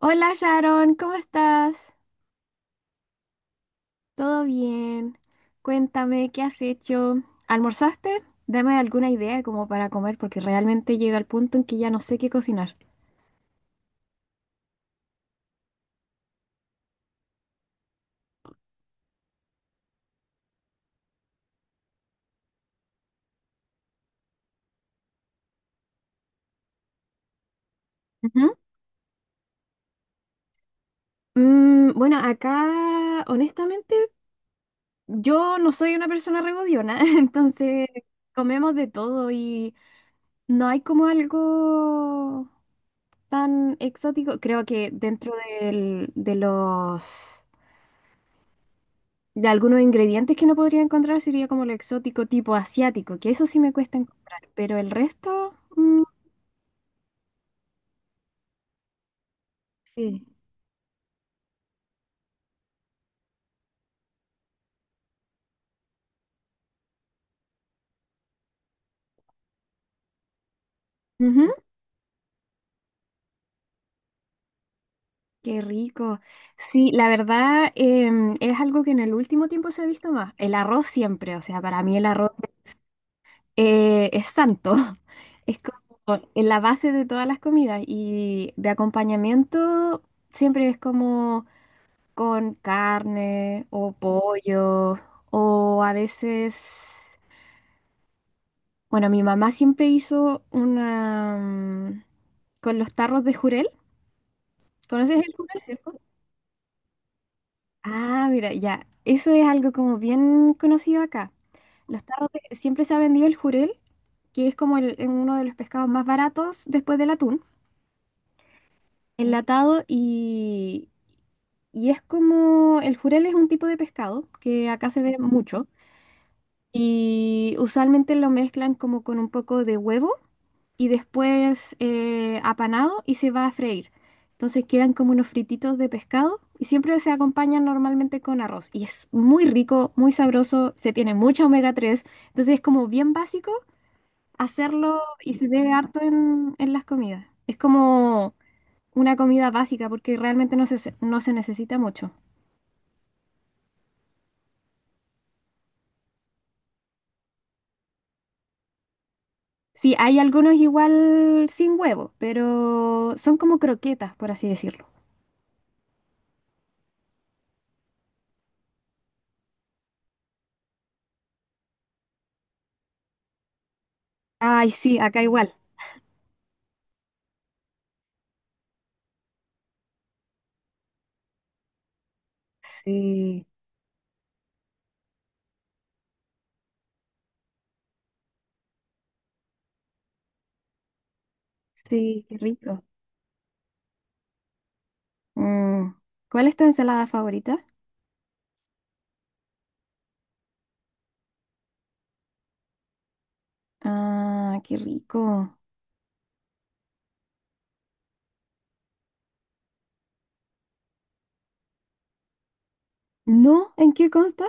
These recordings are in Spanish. Hola Sharon, ¿cómo estás? ¿Todo bien? Cuéntame, ¿qué has hecho? ¿Almorzaste? Dame alguna idea como para comer, porque realmente llega el punto en que ya no sé qué cocinar. Ujú. Bueno, acá, honestamente, yo no soy una persona regodiona, entonces comemos de todo y no hay como algo tan exótico. Creo que dentro del- de los De algunos ingredientes que no podría encontrar sería como lo exótico tipo asiático, que eso sí me cuesta encontrar, pero el resto, sí. Ujú. Qué rico. Sí, la verdad es algo que en el último tiempo se ha visto más. El arroz siempre, o sea, para mí el arroz es santo. Es como en la base de todas las comidas y de acompañamiento siempre es como con carne o pollo o a veces. Bueno, mi mamá siempre hizo una con los tarros de jurel. ¿Conoces el jurel, cierto? Ah, mira, ya. Eso es algo como bien conocido acá. Siempre se ha vendido el jurel, que es como uno de los pescados más baratos después del atún, enlatado y es como el jurel es un tipo de pescado que acá se ve mucho. Y usualmente lo mezclan como con un poco de huevo y después apanado y se va a freír. Entonces quedan como unos frititos de pescado y siempre se acompañan normalmente con arroz. Y es muy rico, muy sabroso, se tiene mucha omega 3. Entonces es como bien básico hacerlo y se ve harto en las comidas. Es como una comida básica porque realmente no se necesita mucho. Sí, hay algunos igual sin huevo, pero son como croquetas, por así decirlo. Ay, sí, acá igual. Sí, sí, qué rico. Mm, ¿Cuál es tu ensalada favorita? Ah, qué rico. ¿No? ¿En qué consta?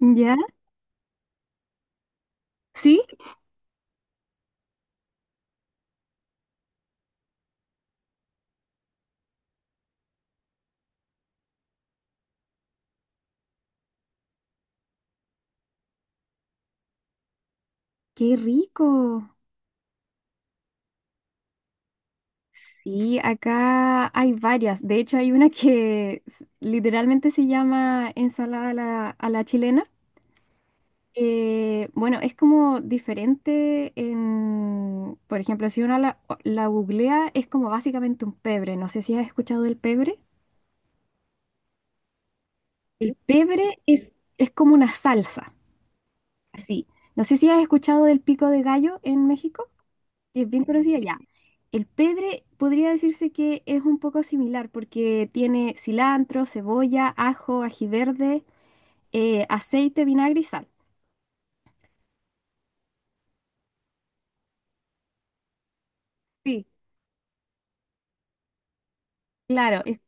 ¿Ya? ¿Sí? ¡Qué rico! Sí, acá hay varias. De hecho, hay una que literalmente se llama ensalada a la chilena. Bueno, es como diferente en, por ejemplo, si uno la googlea, es como básicamente un pebre. No sé si has escuchado del pebre. El pebre es como una salsa, así. No sé si has escuchado del pico de gallo en México, que es bien conocido ya. El pebre podría decirse que es un poco similar porque tiene cilantro, cebolla, ajo, ají verde, aceite, vinagre y sal. Sí. Claro, es.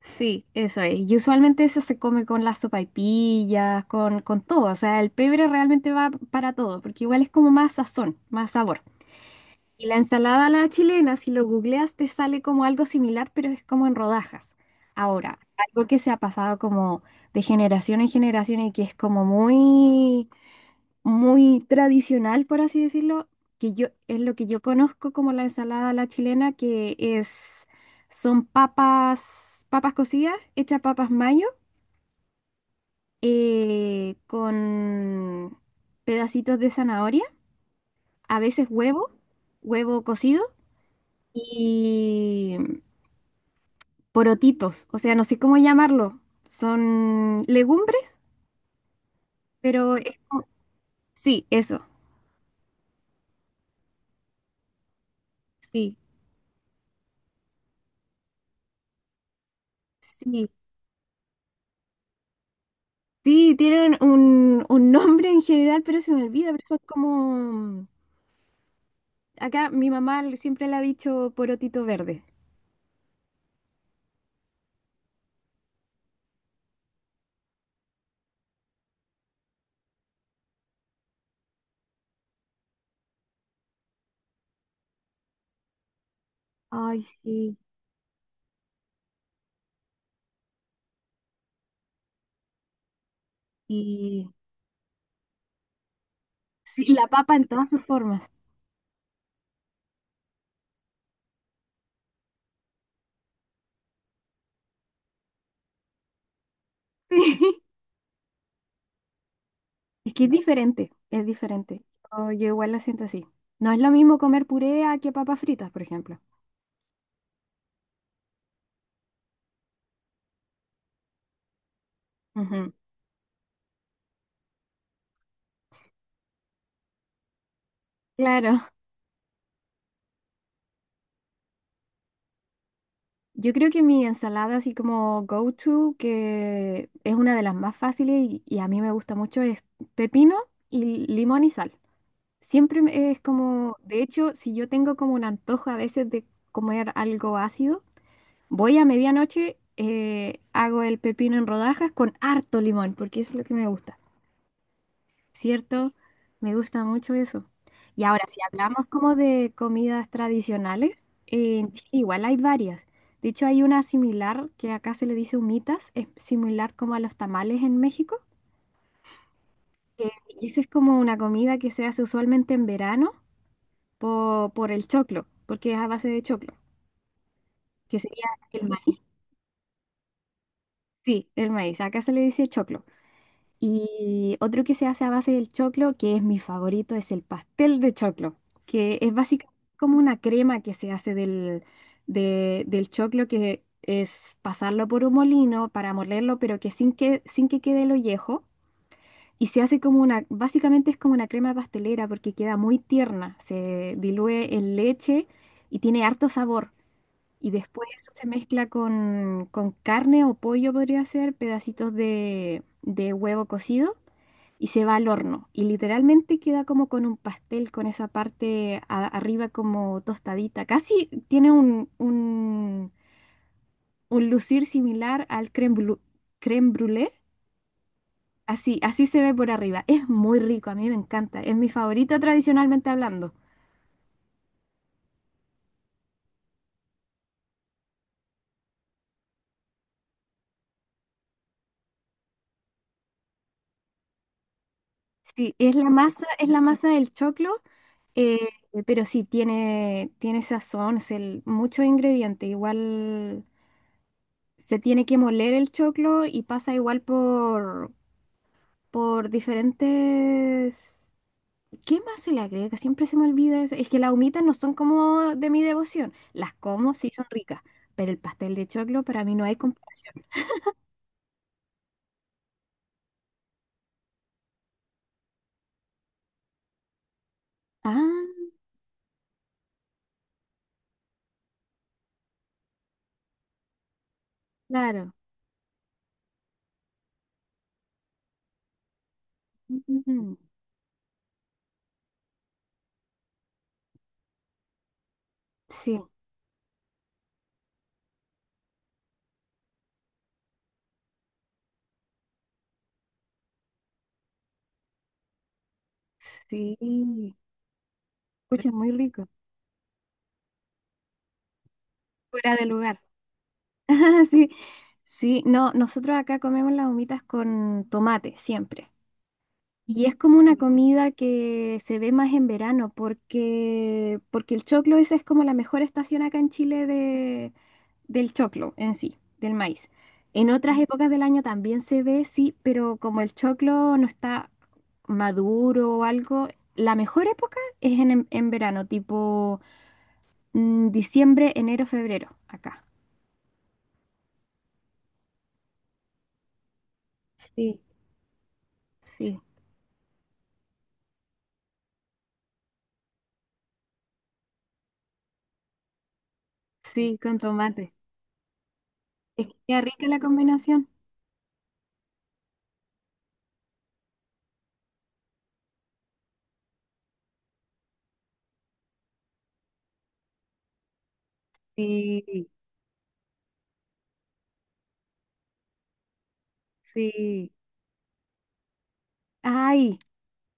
Sí, eso es. Y usualmente eso se come con las sopaipillas, con todo. O sea, el pebre realmente va para todo, porque igual es como más sazón, más sabor. Y la ensalada a la chilena, si lo googleas, te sale como algo similar, pero es como en rodajas. Ahora, algo que se ha pasado como de generación en generación y que es como muy muy tradicional, por así decirlo, que yo es lo que yo conozco como la ensalada a la chilena, que es son papas, papas cocidas, hechas papas mayo, con pedacitos de zanahoria, a veces huevo, huevo cocido y porotitos, o sea, no sé cómo llamarlo, son legumbres, pero sí, eso, sí, sí. Sí, tienen un nombre en general, pero se me olvida, pero son como... Acá mi mamá siempre le ha dicho porotito verde. Ay, sí. Y sí, la papa en todas sus formas. Sí. Es que es diferente, es diferente. Oh, yo igual lo siento así. No es lo mismo comer puré a que papas fritas, por ejemplo. Ujú. Claro, yo creo que mi ensalada así como go-to, que es una de las más fáciles y a mí me gusta mucho, es pepino y limón y sal. Siempre es como, de hecho, si yo tengo como un antojo a veces de comer algo ácido, voy a medianoche, hago el pepino en rodajas con harto limón, porque eso es lo que me gusta, ¿cierto? Me gusta mucho eso. Y ahora, si hablamos como de comidas tradicionales, en Chile igual hay varias. De hecho, hay una similar que acá se le dice humitas, es similar como a los tamales en México. eh, y esa es como una comida que se hace usualmente en verano por el choclo, porque es a base de choclo, que sería el maíz. Sí, el maíz. Acá se le dice choclo. Y otro que se hace a base del choclo, que es mi favorito, es el pastel de choclo, que es básicamente como una crema que se hace del choclo, que es pasarlo por un molino para molerlo, pero que sin que quede el ollejo. Y se hace básicamente es como una crema pastelera porque queda muy tierna, se diluye en leche y tiene harto sabor. Y después eso se mezcla con carne o pollo, podría ser, pedacitos de huevo cocido y se va al horno. Y literalmente queda como con un pastel, con esa parte arriba como tostadita. Casi tiene un, un lucir similar al crème brûlée, crème brûlée. Así, así se ve por arriba. Es muy rico, a mí me encanta. Es mi favorito tradicionalmente hablando. Sí, es la masa del choclo. Eh, pero sí, tiene sazón, mucho ingrediente. Igual se tiene que moler el choclo y pasa igual por diferentes... ¿Qué más se le agrega? Siempre se me olvida eso. Es que las humitas no son como de mi devoción. Las como, sí son ricas, pero el pastel de choclo para mí no hay comparación. Ah, claro. Mm, mm, mm. Sí, sí. Escucha, muy rico. Fuera de lugar. Sí, sí, no, nosotros acá comemos las humitas con tomate siempre. Y es como una comida que se ve más en verano porque el choclo esa es como la mejor estación acá en Chile del choclo en sí, del maíz. En otras épocas del año también se ve, sí, pero como el choclo no está maduro o algo, la mejor época es en verano, tipo diciembre, enero, febrero, acá. Sí, sí, sí, con tomate. Es que queda rica la combinación. Sí, sí. Ay,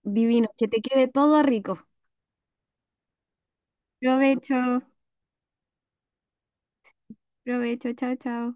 divino, que te quede todo rico. Provecho, provecho, chao, chao.